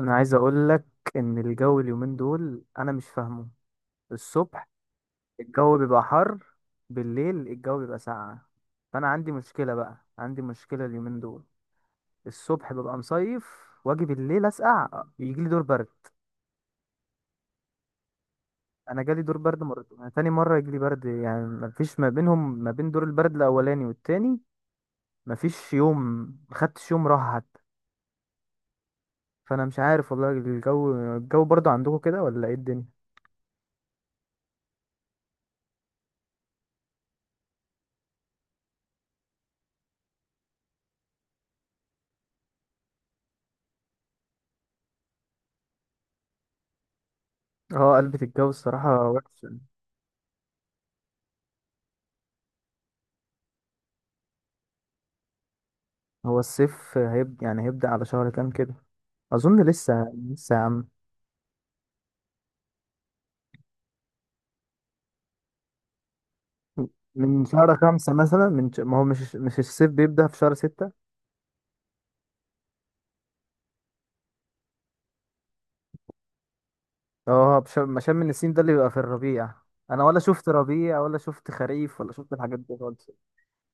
انا عايز اقول لك ان الجو اليومين دول انا مش فاهمه. الصبح الجو بيبقى حر، بالليل الجو بيبقى ساقع. فانا عندي مشكله بقى، عندي مشكله اليومين دول. الصبح ببقى مصيف، واجي بالليل اسقع، يجي لي دور برد. انا جالي دور برد مرتين. أنا تاني مره يجي لي برد، يعني مفيش ما بين دور البرد الاولاني والتاني، مفيش يوم. مخدتش يوم راحه حتى. فانا مش عارف والله، الجو برضو عندكم كده ولا ايه الدنيا؟ اه، قلبة الجو الصراحة وحش. هو الصيف يعني هيبدأ على شهر كام كده؟ أظن لسه لسه يا عم. من شهر خمسة مثلا، ما هو مش الصيف بيبدأ في شهر ستة. اه، ما شم النسيم ده اللي بيبقى في الربيع. أنا ولا شفت ربيع ولا شفت خريف ولا شفت الحاجات دي خالص.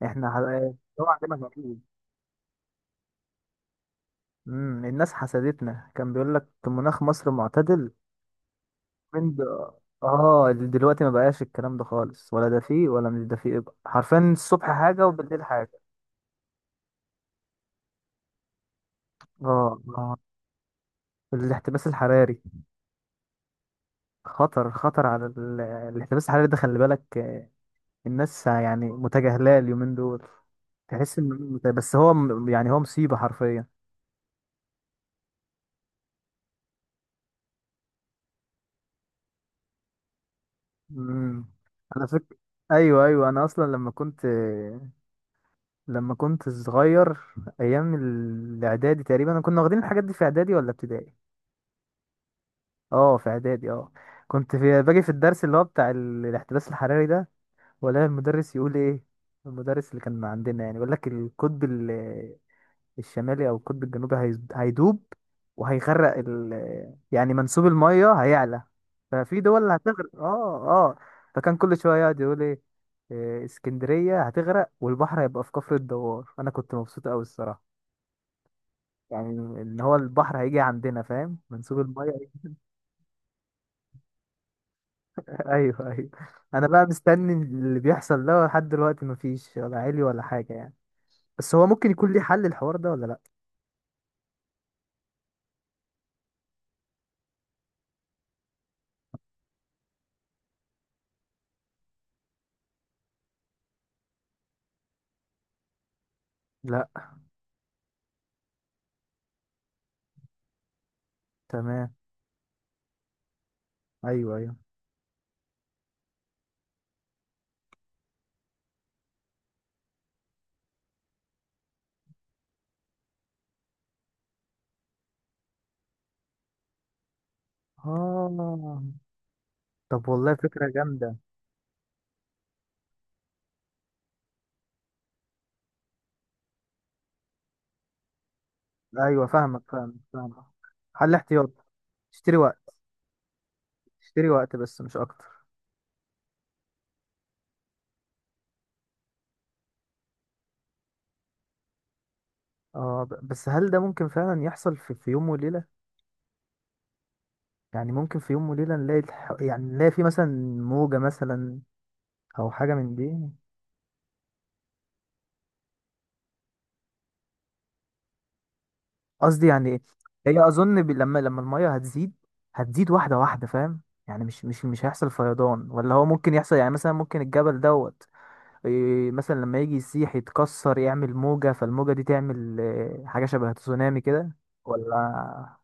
احنا هو عندنا جميل. الناس حسدتنا، كان بيقول لك مناخ مصر معتدل. من د... اه، دلوقتي ما بقاش الكلام ده خالص، ولا ده فيه ولا مش ده فيه، حرفيا الصبح حاجة وبالليل حاجة. اه اه، الاحتباس الحراري. خطر خطر على الاحتباس الحراري ده، خلي بالك آه، الناس يعني متجاهلاه اليومين دول. تحس ان بس هو يعني هو مصيبة حرفيا. امم انا فك ايوه ايوه، انا اصلا لما كنت صغير، ايام الاعدادي تقريبا، انا كنا واخدين الحاجات دي في اعدادي ولا ابتدائي؟ اه، في اعدادي، اه. كنت في باجي في الدرس اللي هو بتاع الاحتباس الحراري ده، ولا المدرس يقول ايه؟ المدرس اللي كان عندنا يعني يقول لك القطب الشمالي او القطب الجنوبي هيدوب وهيغرق، يعني منسوب الميه هيعلى، ففي دول هتغرق، اه اه. فكان كل شويه يقعد يقول ايه، إيه، اسكندريه هتغرق، والبحر هيبقى في كفر الدوار. انا كنت مبسوط قوي الصراحه، يعني ان هو البحر هيجي عندنا، فاهم، منسوب الميه. ايوه ايوه. انا بقى مستني اللي بيحصل ده لحد دلوقتي، مفيش ولا علي ولا حاجه يعني. بس هو ممكن يكون ليه حل الحوار ده ولا لا؟ لا، تمام، ايوه ايوه، اه، طب والله فكرة جامدة. أيوة، فاهمك فاهمك فاهمك. حل احتياطي، تشتري وقت، تشتري وقت بس مش أكتر. اه، بس هل ده ممكن فعلا يحصل في يوم وليلة؟ يعني ممكن في يوم وليلة نلاقي يعني نلاقي في مثلا موجة مثلا، أو حاجة من دي؟ قصدي يعني إيه؟ هي أظن لما المية هتزيد، هتزيد واحدة واحدة، فاهم؟ يعني مش هيحصل فيضان؟ ولا هو ممكن يحصل يعني، مثلا ممكن الجبل دوت، إيه، مثلا لما يجي يسيح يتكسر يعمل موجة، فالموجة دي تعمل إيه، حاجة شبه تسونامي كده. ولا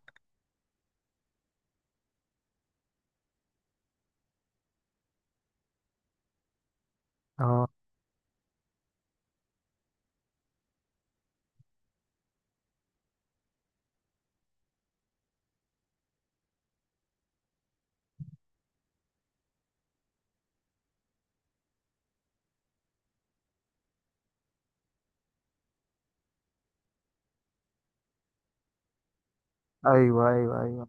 اه، ايوه ايوه ايوه.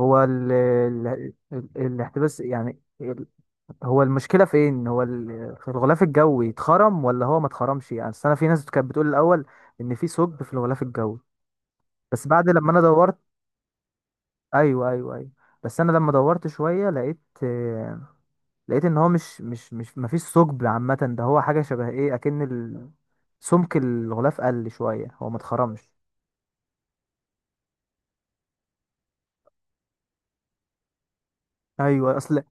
هو الاحتباس يعني هو المشكلة فين؟ هو في الغلاف الجوي اتخرم ولا هو ما اتخرمش؟ يعني أصل انا في ناس كانت بتقول الاول ان في ثقب في الغلاف الجوي. بس بعد لما انا دورت، ايوه ايوه ايوه، بس انا لما دورت شوية لقيت آه، لقيت ان هو مش مش مش مفيش ثقب عامه، ده هو حاجه شبه ايه، اكن سمك الغلاف قل شويه، هو ما اتخرمش. ايوه اصل،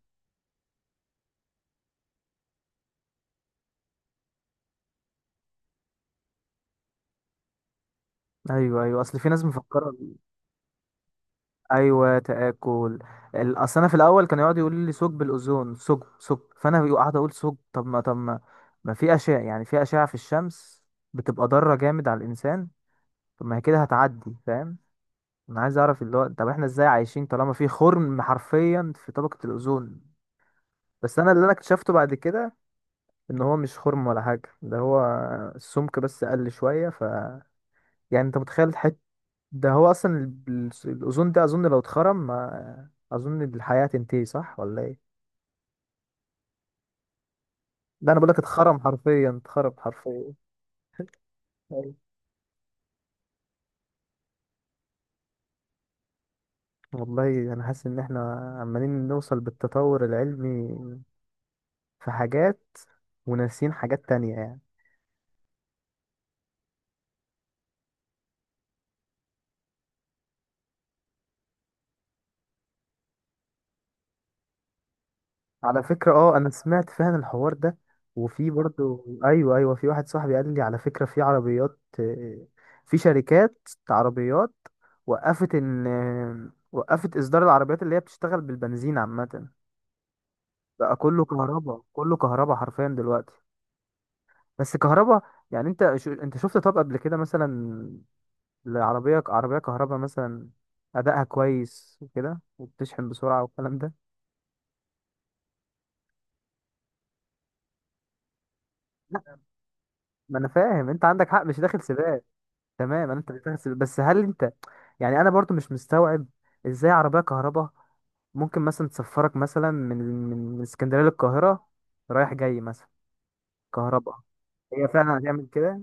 ايوه ايوه، اصل في ناس مفكره، ايوه، تاكل. اصل انا في الاول كان يقعد يقول لي ثقب الاوزون، ثقب ثقب، فانا قاعد اقول ثقب، طب ما ما في اشعه، يعني في اشعه في الشمس بتبقى ضاره جامد على الانسان، طب ما هي كده هتعدي، فاهم؟ انا عايز اعرف اللي هو، طب احنا ازاي عايشين طالما في خرم حرفيا في طبقه الاوزون؟ بس انا اللي انا اكتشفته بعد كده ان هو مش خرم ولا حاجه، ده هو السمك بس قل شويه، ف يعني انت متخيل، ده هو اصلا الاوزون ده، اظن لو اتخرم ما اظن الحياه تنتهي، صح ولا ايه؟ ده انا بقول لك اتخرم حرفيا، اتخرم حرفيا. أيوة. والله انا حاسس ان احنا عمالين نوصل بالتطور العلمي في حاجات وناسين حاجات تانية يعني. على فكرة اه، انا سمعت فعلا الحوار ده، وفي برضو، ايوه ايوه، في واحد صاحبي قال لي على فكرة في عربيات آه، في شركات عربيات وقفت ان آه، وقفت اصدار العربيات اللي هي بتشتغل بالبنزين عامة. بقى كله كهرباء، كله كهرباء حرفيا دلوقتي. بس كهرباء، يعني انت شو انت شفت طب قبل كده مثلا العربية، عربية كهرباء مثلا، ادائها كويس وكده وبتشحن بسرعة والكلام ده؟ لا، ما انا فاهم انت عندك حق، مش داخل سباق. تمام. انت بتغسل، بس هل انت، يعني انا برضو مش مستوعب ازاي عربيه كهرباء ممكن مثلا تسفرك مثلا من اسكندريه للقاهره رايح جاي مثلا كهرباء؟ هي فعلا هتعمل كده؟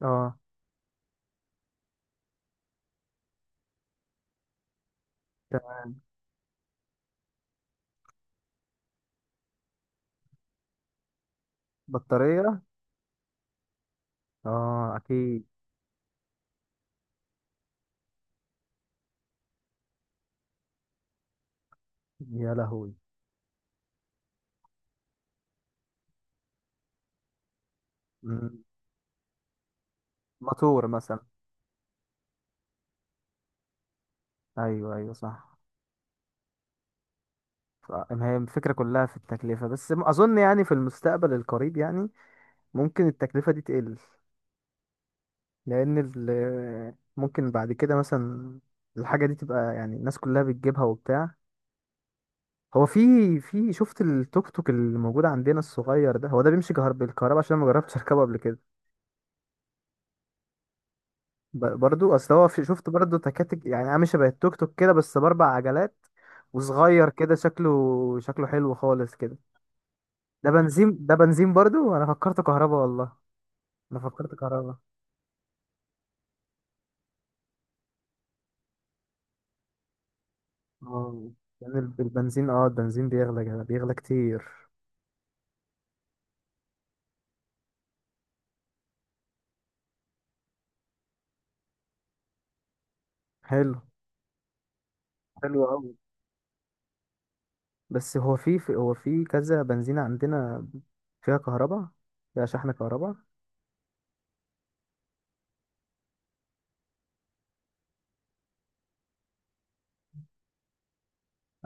اه، ت- بطاريه، اه اكيد. يا لهوي. مم. موتور مثلا. ايوه ايوه صح. ما هي الفكره كلها في التكلفه بس، اظن يعني في المستقبل القريب يعني ممكن التكلفه دي تقل، لان ممكن بعد كده مثلا الحاجه دي تبقى، يعني الناس كلها بتجيبها وبتاع. هو في شفت التوك توك اللي موجود عندنا الصغير ده، هو ده بيمشي بالكهرباء؟ عشان ما جربتش اركبه قبل كده. برضو اصل هو في شفت برضو تكاتك، يعني عامل شبه التوك توك كده بس باربع عجلات، وصغير كده، شكله حلو خالص كده. ده بنزين، ده بنزين برضو، انا فكرته كهرباء والله، انا فكرته كهرباء. اه، يعني البنزين بيغلى كتير. حلو، حلو قوي. بس هو في كذا بنزينة عندنا فيها كهرباء، فيها شحن كهرباء.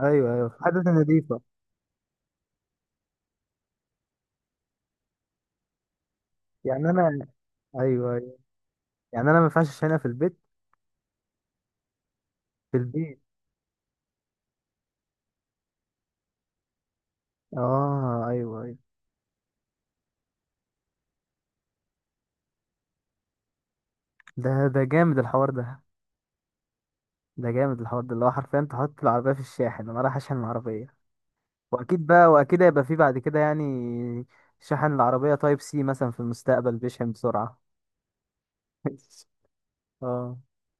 ايوه ايوه، حدث نظيفة. يعني انا، ايوه ايوه، يعني انا ما ينفعش اشحنها في البيت؟ في البيت، اه، ايوه ايوه. ده جامد الحوار ده، ده جامد الحوار ده اللي هو حرفيا انت حاطط العربية في الشاحن انا رايح اشحن العربية. واكيد بقى، واكيد هيبقى في بعد كده يعني، شحن العربية تايب سي مثلا في المستقبل بيشحن بسرعة. اه.